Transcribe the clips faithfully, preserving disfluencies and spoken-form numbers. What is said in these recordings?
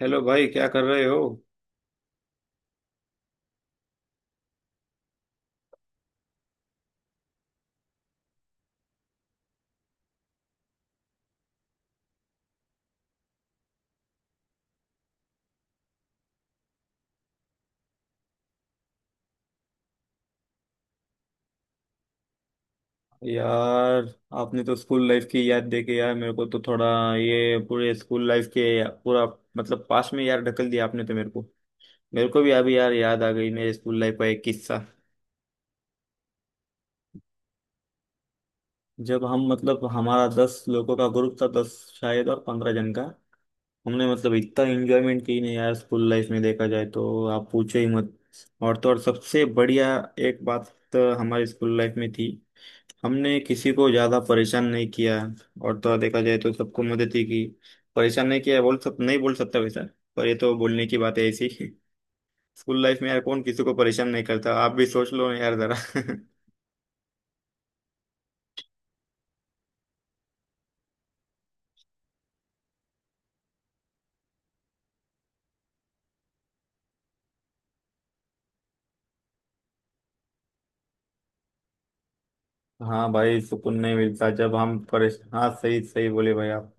Hello भाई, क्या कर रहे हो। यार आपने तो स्कूल लाइफ की याद दे के यार मेरे को तो थोड़ा, ये पूरे स्कूल लाइफ के पूरा, मतलब पास में यार ढकल दिया आपने तो मेरे को। मेरे को भी अभी यार याद आ गई मेरे स्कूल लाइफ का एक किस्सा। जब हम मतलब हमारा दस लोगों का ग्रुप था, दस शायद, और पंद्रह जन का, हमने मतलब इतना एंजॉयमेंट की ना यार स्कूल लाइफ में, देखा जाए तो आप पूछो ही मत। और तो और सबसे बढ़िया एक बात तो हमारी स्कूल लाइफ में थी, हमने किसी को ज्यादा परेशान नहीं किया। और तो और देखा जाए तो सबको मदद ही की। परेशान नहीं किया बोल सब नहीं बोल सकता वैसा, पर ये तो बोलने की बात है ऐसी। स्कूल लाइफ में यार कौन किसी को परेशान नहीं करता, आप भी सोच लो यार जरा। हाँ भाई, सुकून नहीं मिलता जब हम परेश हाँ, सही सही बोले भाई आप।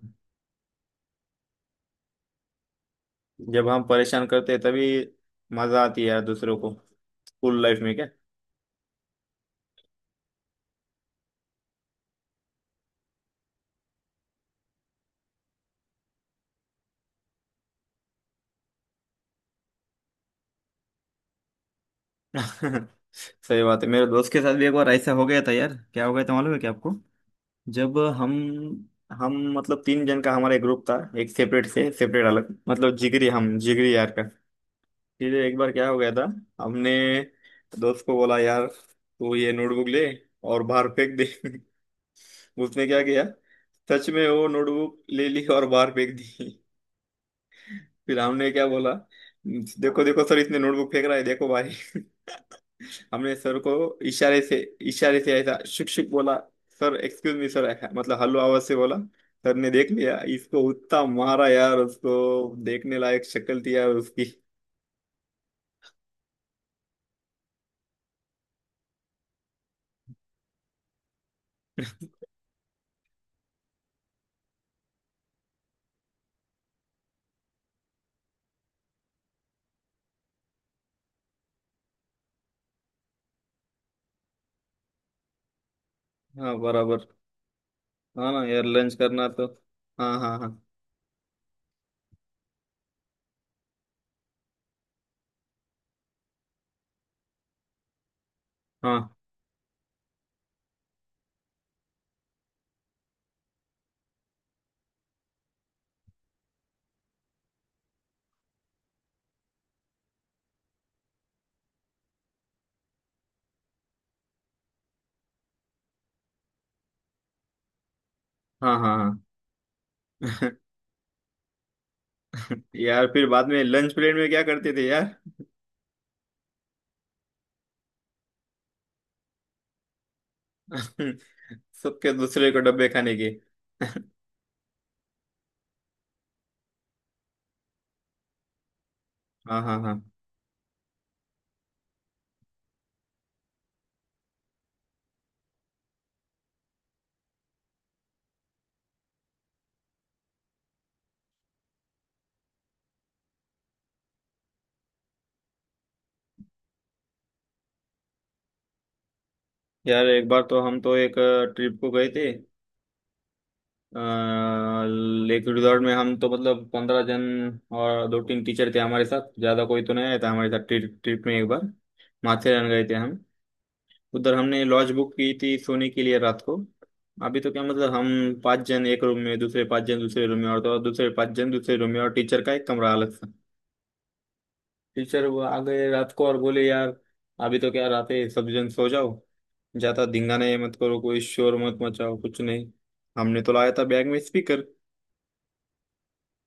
जब हम परेशान करते हैं तभी मजा आती है यार दूसरों को, स्कूल लाइफ में क्या। सही बात है, मेरे दोस्त के साथ भी एक बार ऐसा हो गया था यार। क्या हो गया था मालूम है क्या आपको? जब हम हम मतलब तीन जन का हमारा एक ग्रुप था, एक सेपरेट से सेपरेट अलग मतलब जिगरी, हम जिगरी यार का। फिर एक बार क्या हो गया था, हमने दोस्त को बोला यार तू ये नोटबुक ले और बाहर फेंक दे। उसने क्या किया, सच में वो नोटबुक ले ली और बाहर फेंक दी। फिर हमने क्या बोला, देखो देखो सर इसने नोटबुक फेंक रहा है देखो भाई। हमने सर को इशारे से, इशारे से ऐसा शुक शुक बोला, सर एक्सक्यूज मी सर, ऐसा मतलब हल्लो आवाज से बोला। सर ने देख लिया इसको, उतना मारा यार उसको, देखने लायक शक्ल थी यार उसकी। हाँ बराबर, हाँ ना यार लंच करना तो। हाँ हाँ हाँ। हाँ हाँ हाँ हाँ। यार फिर बाद में लंच पीरियड में क्या करते थे यार। सबके दूसरे को डब्बे खाने के। हाँ हाँ हाँ। यार एक बार तो हम तो एक ट्रिप को गए थे, लेक रिजॉर्ट में। हम तो मतलब पंद्रह जन और दो तीन टीचर थे हमारे साथ, ज़्यादा कोई तो नहीं आया था हमारे साथ ट्रिप ट्रिप में। एक बार माथेरान गए थे हम, उधर हमने लॉज बुक की थी सोने के लिए रात को। अभी तो क्या मतलब हम पाँच जन एक रूम में, दूसरे पाँच जन दूसरे रूम में, और तो और दूसरे पाँच जन दूसरे रूम में, और टीचर का एक कमरा अलग सा। टीचर वो आ गए रात को और बोले यार अभी तो क्या रात है, सब जन सो जाओ, ज़्यादा धिंगाना ये मत करो, कोई शोर मत मचाओ कुछ नहीं। हमने तो लाया था बैग में स्पीकर।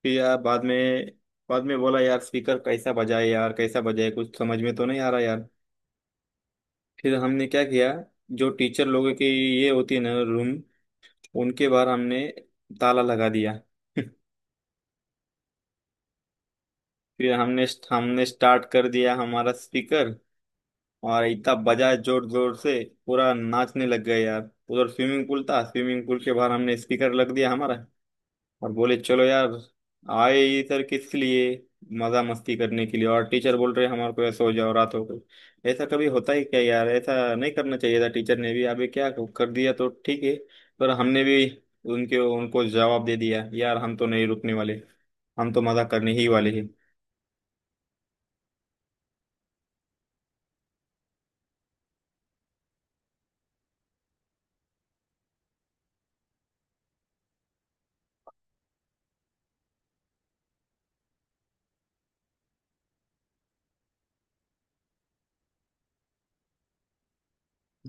फिर यार बाद में बाद में बोला यार स्पीकर कैसा बजाए यार कैसा बजाए, कुछ समझ में तो नहीं आ रहा यार। फिर हमने क्या किया, जो टीचर लोगों की ये होती है ना रूम, उनके बाहर हमने ताला लगा दिया। फिर हमने हमने स्टार्ट कर दिया हमारा स्पीकर और इतना बजाए जोर जोर से, पूरा नाचने लग गए यार। उधर स्विमिंग पूल था, स्विमिंग पूल के बाहर हमने स्पीकर लग दिया हमारा, और बोले चलो यार आए इधर किस लिए, मजा मस्ती करने के लिए। और टीचर बोल रहे हमारे को ऐसा हो जाओ, रात हो गई, ऐसा कभी होता ही क्या यार, ऐसा नहीं करना चाहिए था, टीचर ने भी अभी क्या कर दिया तो ठीक है, पर हमने भी उनके उनको जवाब दे दिया यार, हम तो नहीं रुकने वाले, हम तो मजा करने ही वाले हैं।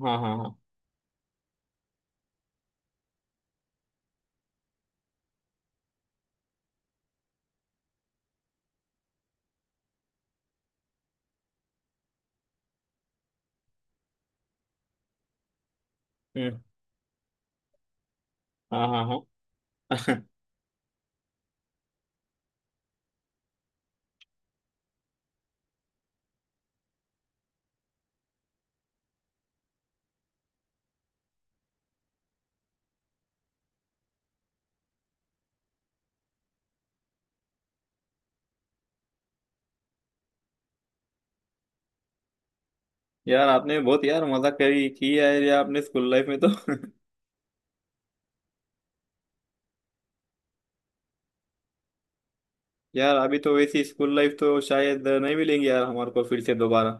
हाँ हाँ हाँ। हम्म। हाँ हाँ हाँ। यार आपने बहुत यार मजा करी की है यार आपने स्कूल लाइफ में तो। यार अभी तो वैसी स्कूल लाइफ तो शायद नहीं मिलेंगी यार हमारे को फिर से दोबारा।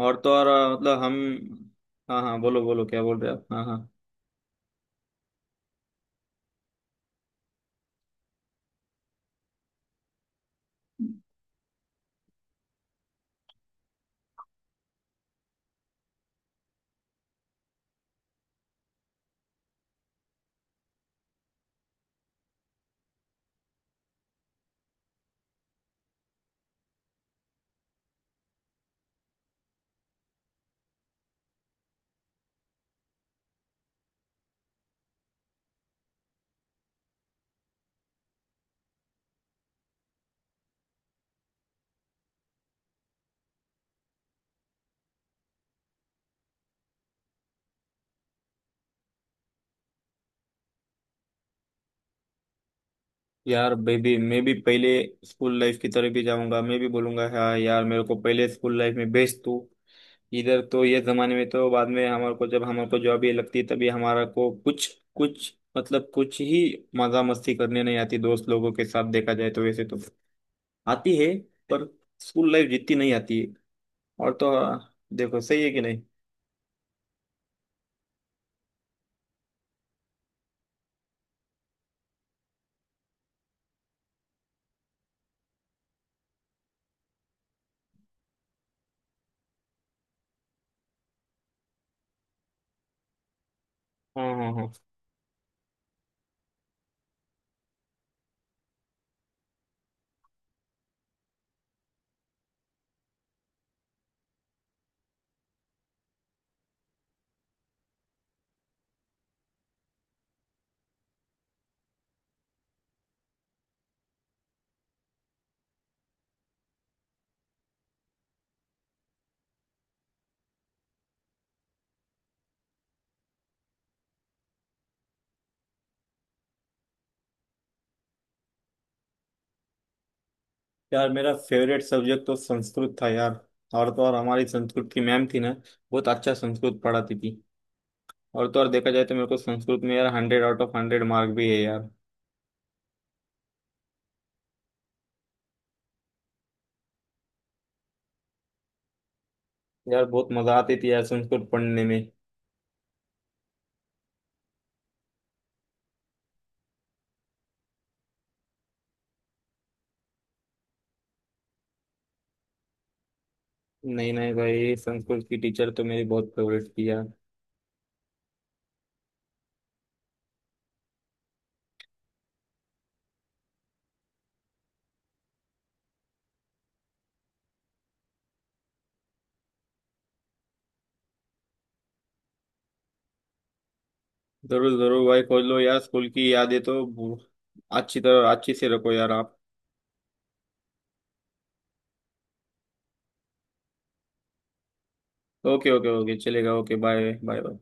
और तो और अ, मतलब हम। हाँ हाँ, बोलो बोलो क्या बोल रहे हो आप, हाँ हाँ। यार बेबी मैं भी पहले स्कूल लाइफ की तरफ ही जाऊंगा, मैं भी बोलूंगा हाँ यार मेरे को पहले स्कूल लाइफ में भेज तू। इधर तो ये जमाने में तो बाद में हमारे को जब हमारे को जॉब ही लगती है तभी हमारा को कुछ, कुछ मतलब कुछ ही मजा मस्ती करने नहीं आती दोस्त लोगों के साथ, देखा जाए तो वैसे तो आती है, पर स्कूल लाइफ जितनी नहीं आती है। और तो हाँ, देखो सही है कि नहीं। हाँ हाँ हाँ। यार मेरा फेवरेट सब्जेक्ट तो संस्कृत था यार। और तो और हमारी संस्कृत की मैम थी ना, बहुत अच्छा संस्कृत पढ़ाती थी। और तो और देखा जाए तो मेरे को संस्कृत में यार hundred out of hundred mark भी है यार। यार बहुत मजा आती थी यार संस्कृत पढ़ने में। नहीं नहीं भाई संस्कृत की टीचर तो मेरी बहुत फेवरेट थी यार। जरूर जरूर भाई खोल लो यार, स्कूल की यादें तो अच्छी तरह अच्छी से रखो यार आप। ओके ओके ओके चलेगा, ओके बाय बाय बाय।